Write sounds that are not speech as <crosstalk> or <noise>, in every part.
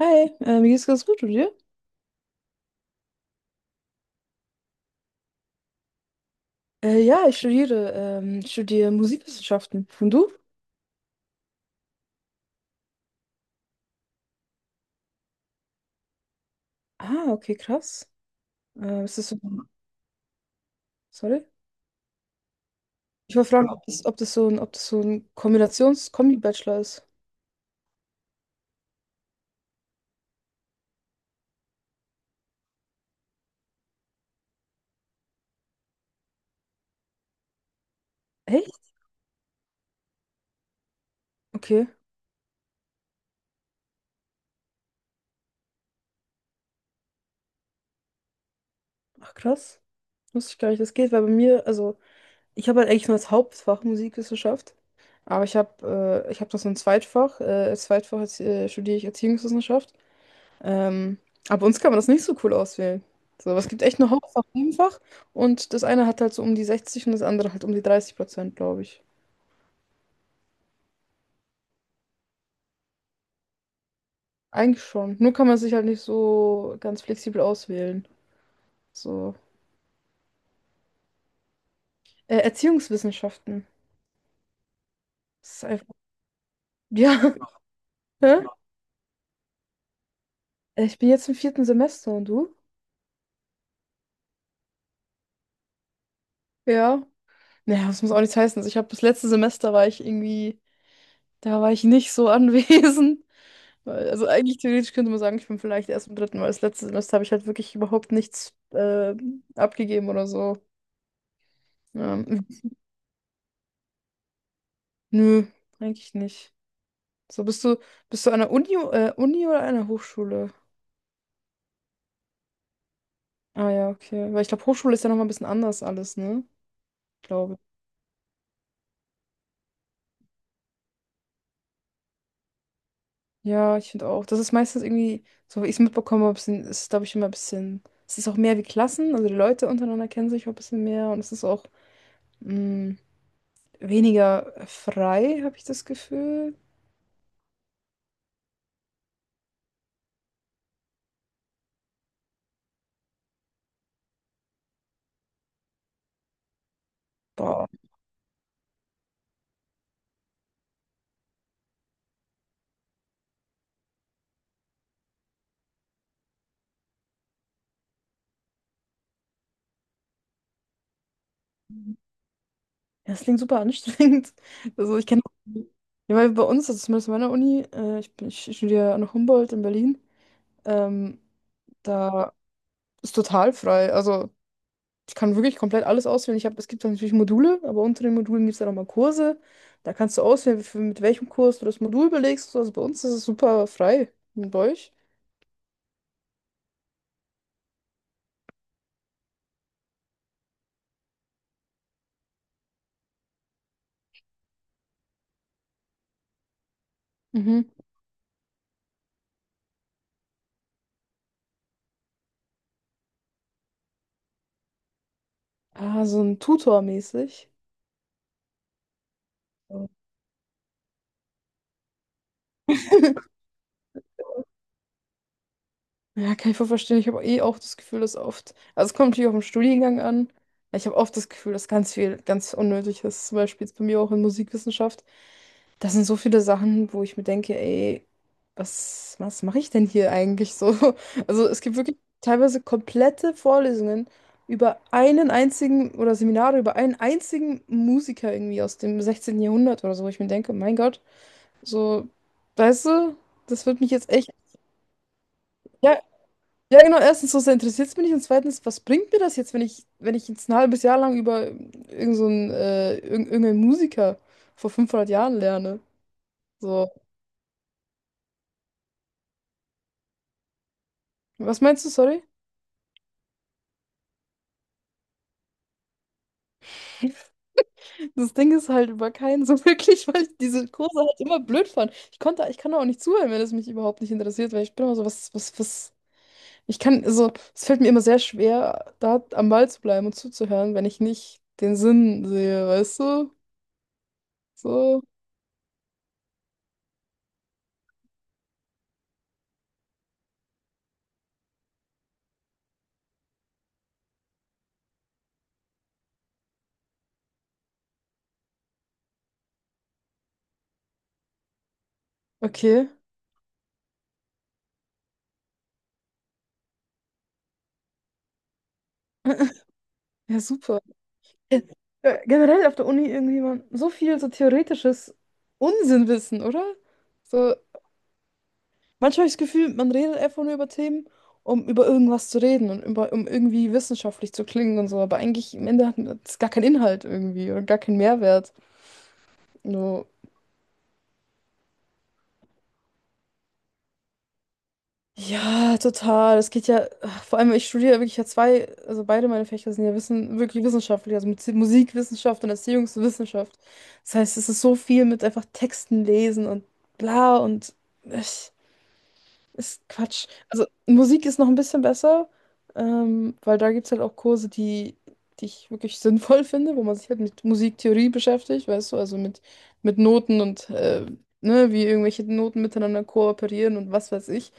Hi, mir geht's ganz gut, und dir? Ja, ich studiere Musikwissenschaften. Und du? Ah, okay, krass. Ist das so, sorry? Ich wollte fragen, ob das so ein Kombinations-Kombi-Bachelor ist. Echt? Okay. Ach, krass. Wusste ich gar nicht, das geht, weil bei mir, also, ich habe halt eigentlich nur als Hauptfach Musikwissenschaft. Aber ich habe noch so ein Zweitfach. Als Zweitfach jetzt, studiere ich Erziehungswissenschaft. Ähm, aber bei uns kann man das nicht so cool auswählen. So, aber es gibt echt nur Hauptfach, Nebenfach, und das eine hat halt so um die 60 und das andere halt um die 30%, glaube ich. Eigentlich schon. Nur kann man sich halt nicht so ganz flexibel auswählen. So. Erziehungswissenschaften. Das ist einfach. Ja. <laughs> Hä? Ich bin jetzt im vierten Semester und du? Ja. Naja, das muss auch nichts heißen. Also ich habe das letzte Semester war ich irgendwie, da war ich nicht so <laughs> anwesend. Also eigentlich theoretisch könnte man sagen, ich bin vielleicht erst im dritten, weil das letzte Semester habe ich halt wirklich überhaupt nichts abgegeben oder so. Ähm, Nö, eigentlich nicht. So, bist du an der Uni, Uni oder einer Hochschule? Ah ja, okay. Weil ich glaube, Hochschule ist ja nochmal ein bisschen anders alles, ne? Ich glaube. Ja, ich finde auch. Das ist meistens irgendwie, so wie ich es mitbekommen habe, ist es, glaube ich, immer ein bisschen. Es ist auch mehr wie Klassen, also die Leute untereinander kennen sich auch ein bisschen mehr und es ist auch mh, weniger frei, habe ich das Gefühl. Boah. Ja, das klingt super anstrengend. <laughs> Also ich kenne, ja, weil bei uns, also zumindest in meiner Uni, ich studiere an Humboldt in Berlin, ähm, da ist total frei. Also ich kann wirklich komplett alles auswählen. Es gibt dann natürlich Module, aber unter den Modulen gibt es dann nochmal Kurse. Da kannst du auswählen, mit welchem Kurs du das Modul belegst. Also bei uns ist es super frei. Und bei euch? Mhm. Ah, so ein Tutor mäßig. <laughs> Ja, kann ich voll verstehen. Ich habe eh auch das Gefühl, dass oft, also es kommt natürlich auf den Studiengang an, aber ich habe oft das Gefühl, dass ganz viel, ganz unnötig ist. Zum Beispiel jetzt bei mir auch in Musikwissenschaft. Das sind so viele Sachen, wo ich mir denke, ey, was mache ich denn hier eigentlich so? <laughs> Also es gibt wirklich teilweise komplette Vorlesungen über einen einzigen oder Seminare über einen einzigen Musiker irgendwie aus dem 16. Jahrhundert oder so, wo ich mir denke, mein Gott, so, weißt du, das wird mich jetzt echt. Ja, ja, genau, erstens, so sehr interessiert es mich nicht und zweitens, was bringt mir das jetzt, wenn wenn ich jetzt ein halbes Jahr lang über irgendeinen Musiker vor 500 Jahren lerne? So, was meinst du, sorry? Das Ding ist halt war kein so <laughs> wirklich, weil ich diese Kurse halt immer blöd fand. Ich kann auch nicht zuhören, wenn es mich überhaupt nicht interessiert, weil ich bin immer so, also, es fällt mir immer sehr schwer, da am Ball zu bleiben und zuzuhören, wenn ich nicht den Sinn sehe, weißt du? So, okay. <laughs> Ja, super. Äh, Generell auf der Uni irgendwie man so viel so theoretisches Unsinnwissen, oder? So, manchmal habe ich das Gefühl, man redet einfach nur über Themen, um über irgendwas zu reden um irgendwie wissenschaftlich zu klingen und so, aber eigentlich im Ende hat das gar keinen Inhalt irgendwie oder gar keinen Mehrwert. So. Ja, total. Es geht ja, ach, vor allem, ich studiere wirklich ja zwei, also beide meine Fächer sind ja wirklich wissenschaftlich, also mit Musikwissenschaft und Erziehungswissenschaft. Das heißt, es ist so viel mit einfach Texten lesen und bla und ich, ist Quatsch. Also Musik ist noch ein bisschen besser, weil da gibt es halt auch Kurse, die, die ich wirklich sinnvoll <laughs> finde, wo man sich halt mit Musiktheorie beschäftigt, weißt du, also mit Noten und ne, wie irgendwelche Noten miteinander kooperieren und was weiß ich.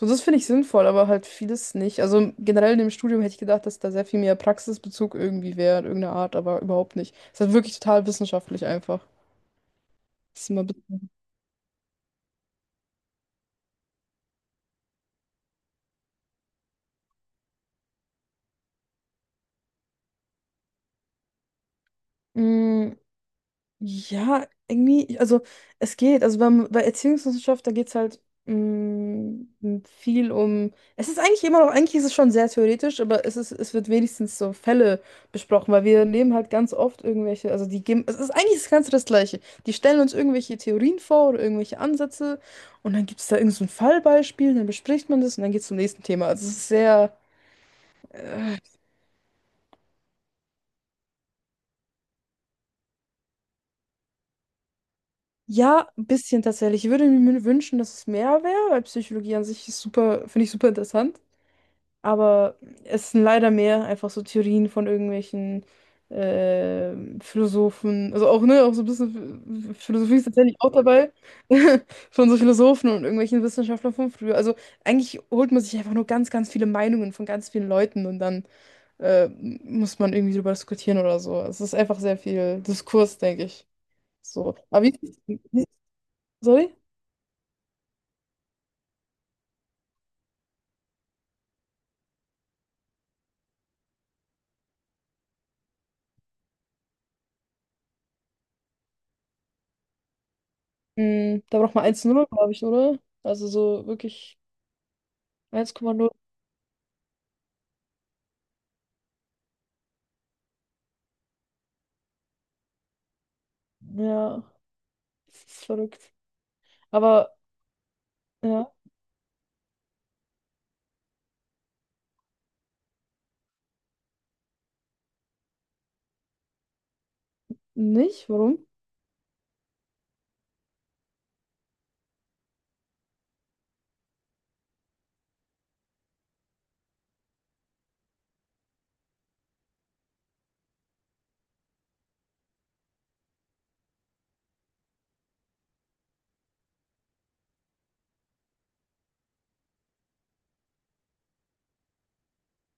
So, das finde ich sinnvoll, aber halt vieles nicht. Also generell in dem Studium hätte ich gedacht, dass da sehr viel mehr Praxisbezug irgendwie wäre, in irgendeiner Art, aber überhaupt nicht. Es ist halt wirklich total wissenschaftlich einfach. Das ist immer bitter. Ja, irgendwie, also es geht. Also bei Erziehungswissenschaft, da geht es halt mm, viel um. Es ist eigentlich immer noch, eigentlich ist es schon sehr theoretisch, aber es wird wenigstens so Fälle besprochen, weil wir nehmen halt ganz oft irgendwelche, also es ist eigentlich das Ganze das Gleiche. Die stellen uns irgendwelche Theorien vor oder irgendwelche Ansätze und dann gibt es da irgend so ein Fallbeispiel, dann bespricht man das und dann geht es zum nächsten Thema. Also es ist sehr. äh, Ja, ein bisschen tatsächlich. Ich würde mir wünschen, dass es mehr wäre, weil Psychologie an sich ist super, finde ich super interessant. Aber es sind leider mehr einfach so Theorien von irgendwelchen Philosophen, also auch, ne, auch so ein bisschen Philosophie ist tatsächlich auch dabei, <laughs> von so Philosophen und irgendwelchen Wissenschaftlern von früher. Also eigentlich holt man sich einfach nur ganz, ganz viele Meinungen von ganz vielen Leuten und dann muss man irgendwie drüber diskutieren oder so. Es ist einfach sehr viel Diskurs, denke ich. So. Aber wie, wie sorry? Da braucht man 1 null, glaube ich, oder? Also so wirklich 1,0, ja. Das ist verrückt. Aber ja, nicht? Warum?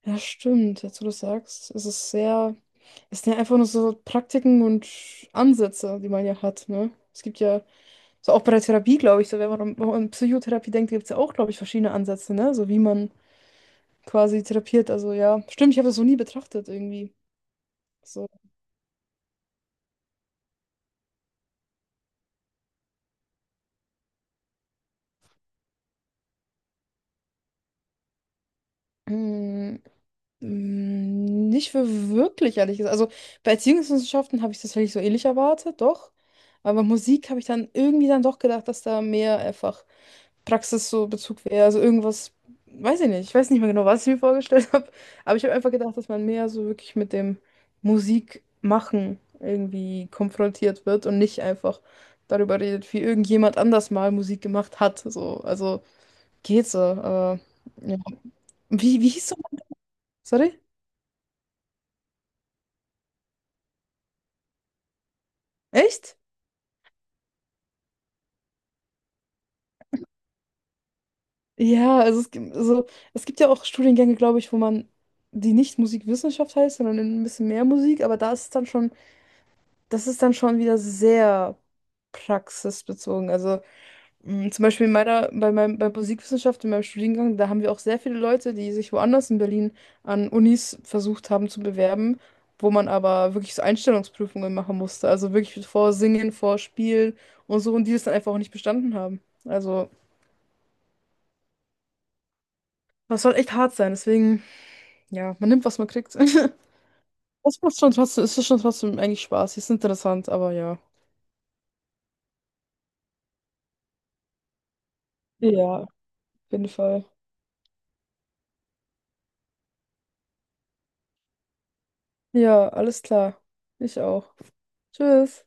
Ja, stimmt, jetzt wo du sagst, es sind ja einfach nur so Praktiken und Ansätze, die man ja hat, ne? Es gibt ja, so auch bei der Therapie, glaube ich, so wenn man an Psychotherapie denkt, gibt es ja auch, glaube ich, verschiedene Ansätze, ne? So wie man quasi therapiert, also ja, stimmt, ich habe das so nie betrachtet irgendwie. So. hm, Nicht für wirklich, ehrlich gesagt. Also bei Erziehungswissenschaften habe ich tatsächlich so ähnlich erwartet, doch. Aber Musik habe ich dann irgendwie dann doch gedacht, dass da mehr einfach Praxis so Bezug wäre. Also irgendwas, weiß ich nicht. Ich weiß nicht mehr genau, was ich mir <laughs> vorgestellt habe. Aber ich habe einfach gedacht, dass man mehr so wirklich mit dem Musikmachen irgendwie konfrontiert wird und nicht einfach darüber redet, wie irgendjemand anders mal Musik gemacht hat. So, also geht so. Aber, ja. Wie hieß so? Sorry? Echt? Ja, also es gibt ja auch Studiengänge, glaube ich, wo man die nicht Musikwissenschaft heißt, sondern ein bisschen mehr Musik, aber da ist es dann schon, das ist dann schon wieder sehr praxisbezogen. Also zum Beispiel in meiner, bei meinem, bei Musikwissenschaft, in meinem Studiengang, da haben wir auch sehr viele Leute, die sich woanders in Berlin an Unis versucht haben zu bewerben, wo man aber wirklich so Einstellungsprüfungen machen musste. Also wirklich vor Singen, vor Spielen und so, und die das dann einfach auch nicht bestanden haben. Also, das soll echt hart sein, deswegen. Ja, man nimmt, was man kriegt. <laughs> Das macht schon trotzdem, es ist schon trotzdem eigentlich Spaß. Ist interessant, aber ja. Ja, auf jeden Fall. Ja, alles klar. Ich auch. Tschüss.